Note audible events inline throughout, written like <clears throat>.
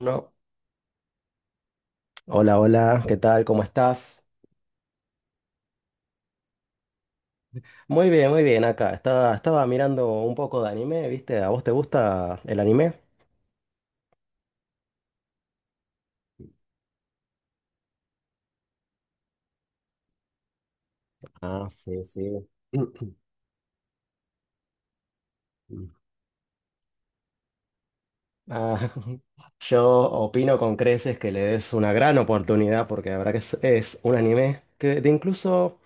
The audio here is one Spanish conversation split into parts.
No. Hola, hola, ¿qué tal? ¿Cómo estás? Muy bien, acá. Estaba mirando un poco de anime, ¿viste? ¿A vos te gusta el anime? Ah, sí, sí. <clears throat> Ah, <laughs> yo opino con creces que le des una gran oportunidad porque la verdad que es un anime que de incluso,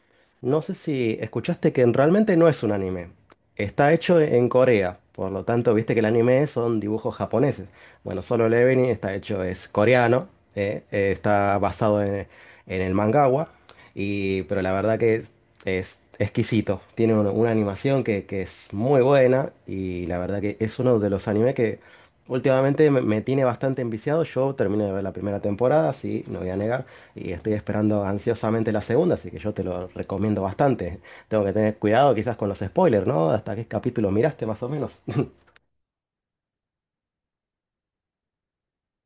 no sé si escuchaste que realmente no es un anime. Está hecho en Corea, por lo tanto, viste que el anime son dibujos japoneses. Bueno, Solo Leveling está hecho, es coreano, está basado en el mangawa, y, pero la verdad que es exquisito. Tiene una animación que es muy buena y la verdad que es uno de los animes que... Últimamente me tiene bastante enviciado. Yo terminé de ver la primera temporada, sí, no voy a negar, y estoy esperando ansiosamente la segunda, así que yo te lo recomiendo bastante. Tengo que tener cuidado quizás con los spoilers, ¿no? ¿Hasta qué capítulo miraste más o menos? <laughs>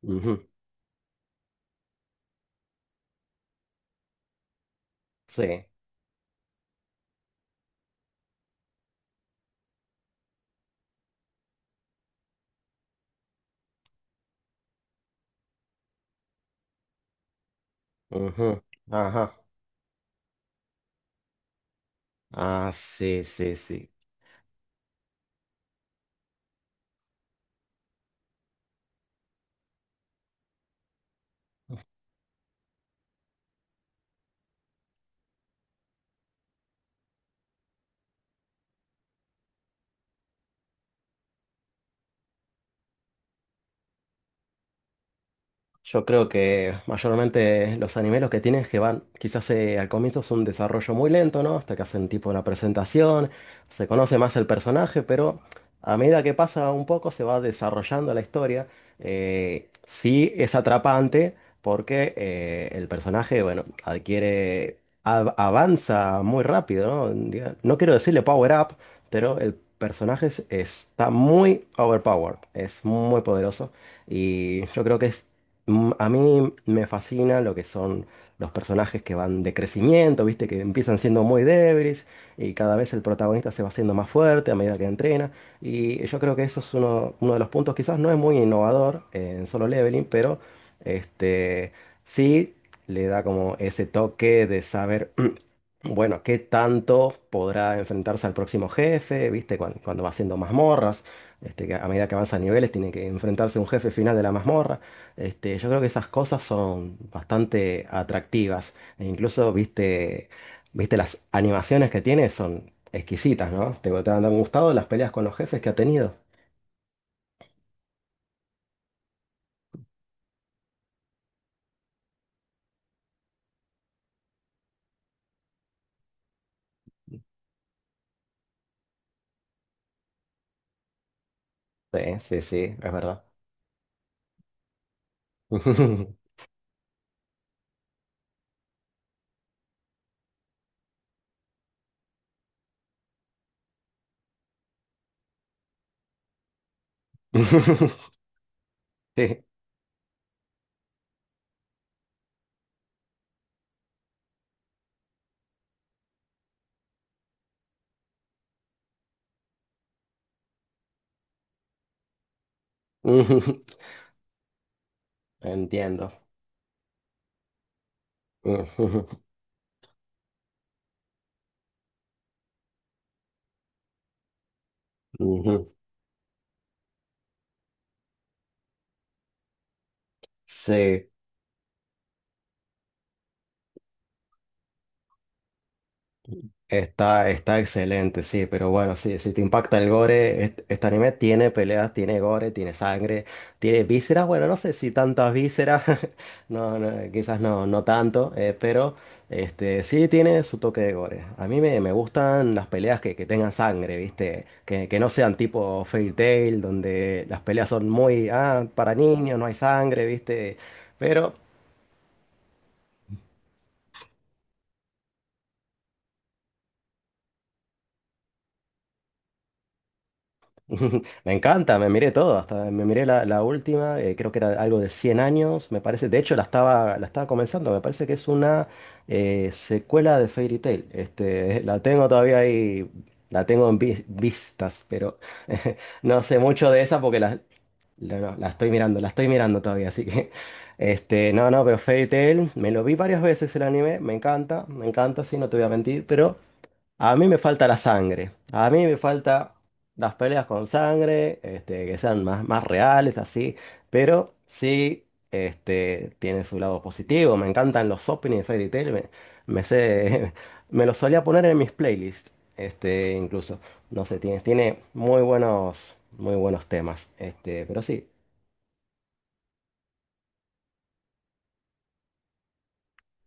Ujú, sí. Ujú, ajá. Ah, sí, sí, sí. Yo creo que mayormente los animes los que tienen es que van, quizás al comienzo es un desarrollo muy lento, ¿no? Hasta que hacen tipo una presentación, se conoce más el personaje, pero a medida que pasa un poco se va desarrollando la historia. Sí es atrapante porque el personaje, bueno, adquiere, avanza muy rápido, ¿no? No quiero decirle power up, pero el personaje está muy overpowered, es muy poderoso. Y yo creo que es. A mí me fascina lo que son los personajes que van de crecimiento, ¿viste? Que empiezan siendo muy débiles y cada vez el protagonista se va haciendo más fuerte a medida que entrena. Y yo creo que eso es uno de los puntos, quizás no es muy innovador en Solo Leveling, pero este, sí le da como ese toque de saber, <clears throat> bueno, qué tanto podrá enfrentarse al próximo jefe, ¿viste? Cuando va haciendo mazmorras, que a medida que avanza niveles tiene que enfrentarse a un jefe final de la mazmorra. Yo creo que esas cosas son bastante atractivas. E incluso, viste, viste las animaciones que tiene son exquisitas, ¿no? ¿Te han gustado las peleas con los jefes que ha tenido? Sí, sí, sí, es verdad. <laughs> Sí. <laughs> Entiendo. <laughs> Sí. Está excelente, sí, pero bueno, sí, si te impacta el gore, este anime tiene peleas, tiene gore, tiene sangre, tiene vísceras, bueno, no sé si tantas vísceras, <laughs> no, no, quizás no, no tanto, pero este, sí tiene su toque de gore. A mí me gustan las peleas que tengan sangre, ¿viste? Que no sean tipo Fairy Tail, donde las peleas son muy, ah, para niños, no hay sangre, ¿viste? Pero <laughs> me encanta, me miré todo, hasta me miré la última, creo que era algo de 100 años, me parece, de hecho la estaba comenzando, me parece que es una secuela de Fairy Tail, este, <laughs> la tengo todavía ahí, la tengo en vistas, pero <laughs> no sé mucho de esa porque no, la estoy mirando, todavía, así que, <laughs> este, no, no, pero Fairy Tail, me lo vi varias veces el anime, me encanta, sí, no te voy a mentir, pero... A mí me falta la sangre. A mí me falta las peleas con sangre, este, que sean más, más reales, así. Pero sí, este, tiene su lado positivo. Me encantan los openings de Fairy Tail. Me sé, <laughs> me los solía poner en mis playlists. Este, incluso. No sé, tiene, tiene muy buenos temas. Este, pero sí.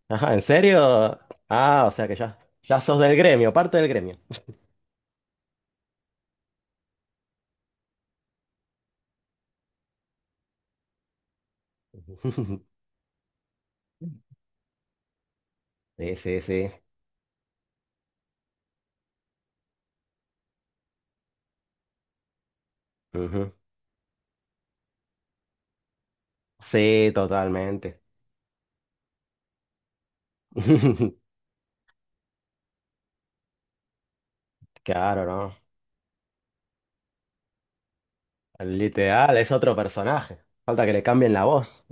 Ajá, ¿en serio? Ah, o sea que ya, ya sos del gremio, parte del gremio. <laughs> Sí, sí, sí. Ujú. Sí, totalmente. <laughs> Claro, ¿no? El literal es otro personaje. Falta que le cambien la voz.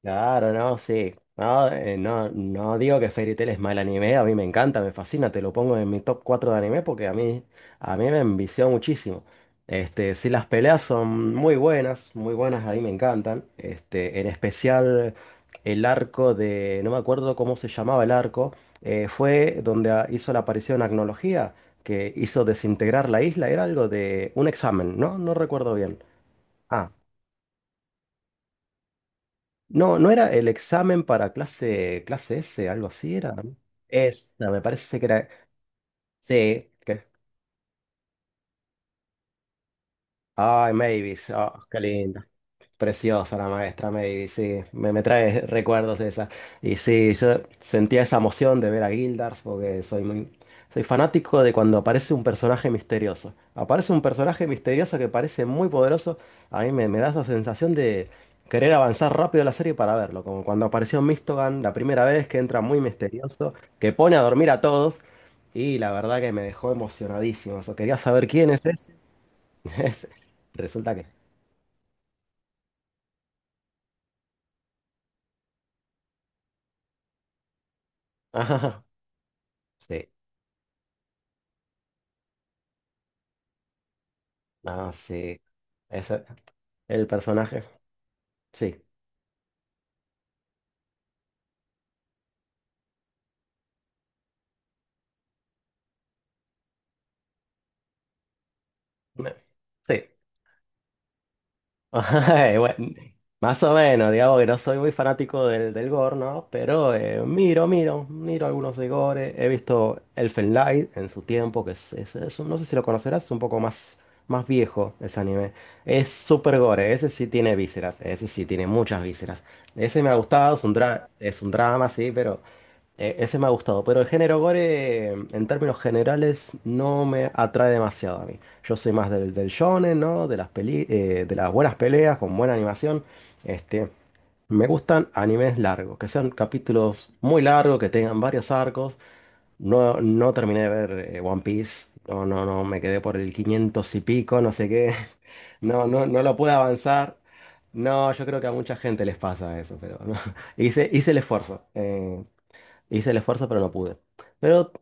Claro, no, sí. No, no digo que Fairy Tail es mal anime, a mí me encanta, me fascina, te lo pongo en mi top 4 de anime porque a mí me envició muchísimo. Este, sí, las peleas son muy buenas, a mí me encantan. Este, en especial el arco de, no me acuerdo cómo se llamaba el arco, fue donde hizo la aparición Agnología, que hizo desintegrar la isla, era algo de un examen, ¿no? No recuerdo bien. Ah, no, no era el examen para clase S, algo así era. ¿No? Esa, me parece que era. Sí, que. Ay, Mavis, ah, qué lindo. Preciosa la maestra May, sí, me trae recuerdos esa. Y sí, yo sentía esa emoción de ver a Guildars porque soy fanático de cuando aparece un personaje misterioso. Aparece un personaje misterioso que parece muy poderoso, a mí me da esa sensación de querer avanzar rápido la serie para verlo, como cuando apareció Mistogan la primera vez que entra muy misterioso, que pone a dormir a todos y la verdad que me dejó emocionadísimo. Eso, quería saber quién es ese. <laughs> Resulta que... sí. Ajá, sí. Ah, sí. Ese, el personaje, sí. Me- Sí. <laughs> Ay, bueno, más o menos, digamos que no soy muy fanático del gore, ¿no? Pero miro algunos de gore. He visto Elfen Lied en su tiempo, que es un- no sé si lo conocerás, es un poco más, más viejo ese anime. Es súper gore, ese sí tiene vísceras, ese sí tiene muchas vísceras. Ese me ha gustado, es un drama, sí, pero... Ese me ha gustado, pero el género gore, en términos generales, no me atrae demasiado a mí. Yo soy más del shonen, ¿no? De las buenas peleas con buena animación. Este, me gustan animes largos, que sean capítulos muy largos, que tengan varios arcos. No, no terminé de ver One Piece. No, no, no, me quedé por el 500 y pico, no sé qué. <laughs> No, no, no lo pude avanzar. No, yo creo que a mucha gente les pasa eso, pero no. <laughs> Hice el esfuerzo. Hice el esfuerzo, pero no pude. Pero,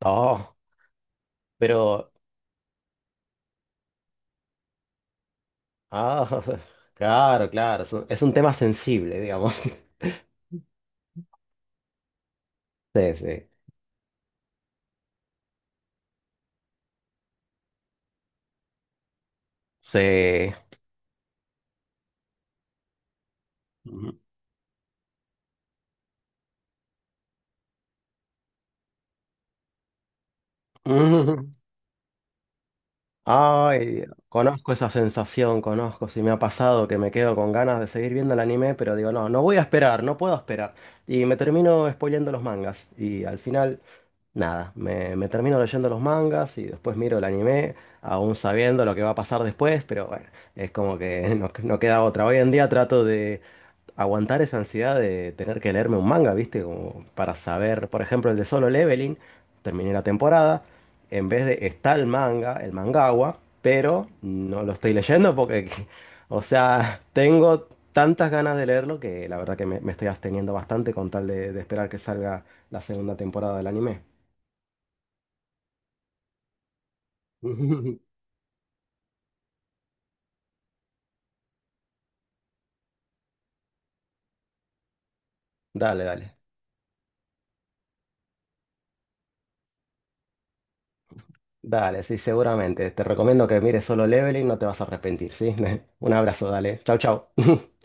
oh, pero, <laughs> o sea, claro, claro, es un tema sensible, digamos. <laughs> Sí, sí, sí. Ujú. <laughs> Ay, conozco esa sensación, conozco, si me ha pasado que me quedo con ganas de seguir viendo el anime, pero digo, no, no voy a esperar, no puedo esperar. Y me termino spoileando los mangas. Y al final, nada, me termino leyendo los mangas y después miro el anime, aún sabiendo lo que va a pasar después, pero bueno, es como que <laughs> no, no queda otra. Hoy en día trato de, aguantar esa ansiedad de tener que leerme un manga, ¿viste? Como para saber, por ejemplo, el de Solo Leveling, terminé la temporada, en vez de está el manga, el mangawa, pero no lo estoy leyendo porque, <laughs> o sea, tengo tantas ganas de leerlo que la verdad que me estoy absteniendo bastante con tal de esperar que salga la segunda temporada del anime. <laughs> Dale, dale. Dale, sí, seguramente. Te recomiendo que mires Solo Leveling, no te vas a arrepentir, ¿sí? <laughs> Un abrazo, dale. Chau, chau. <laughs>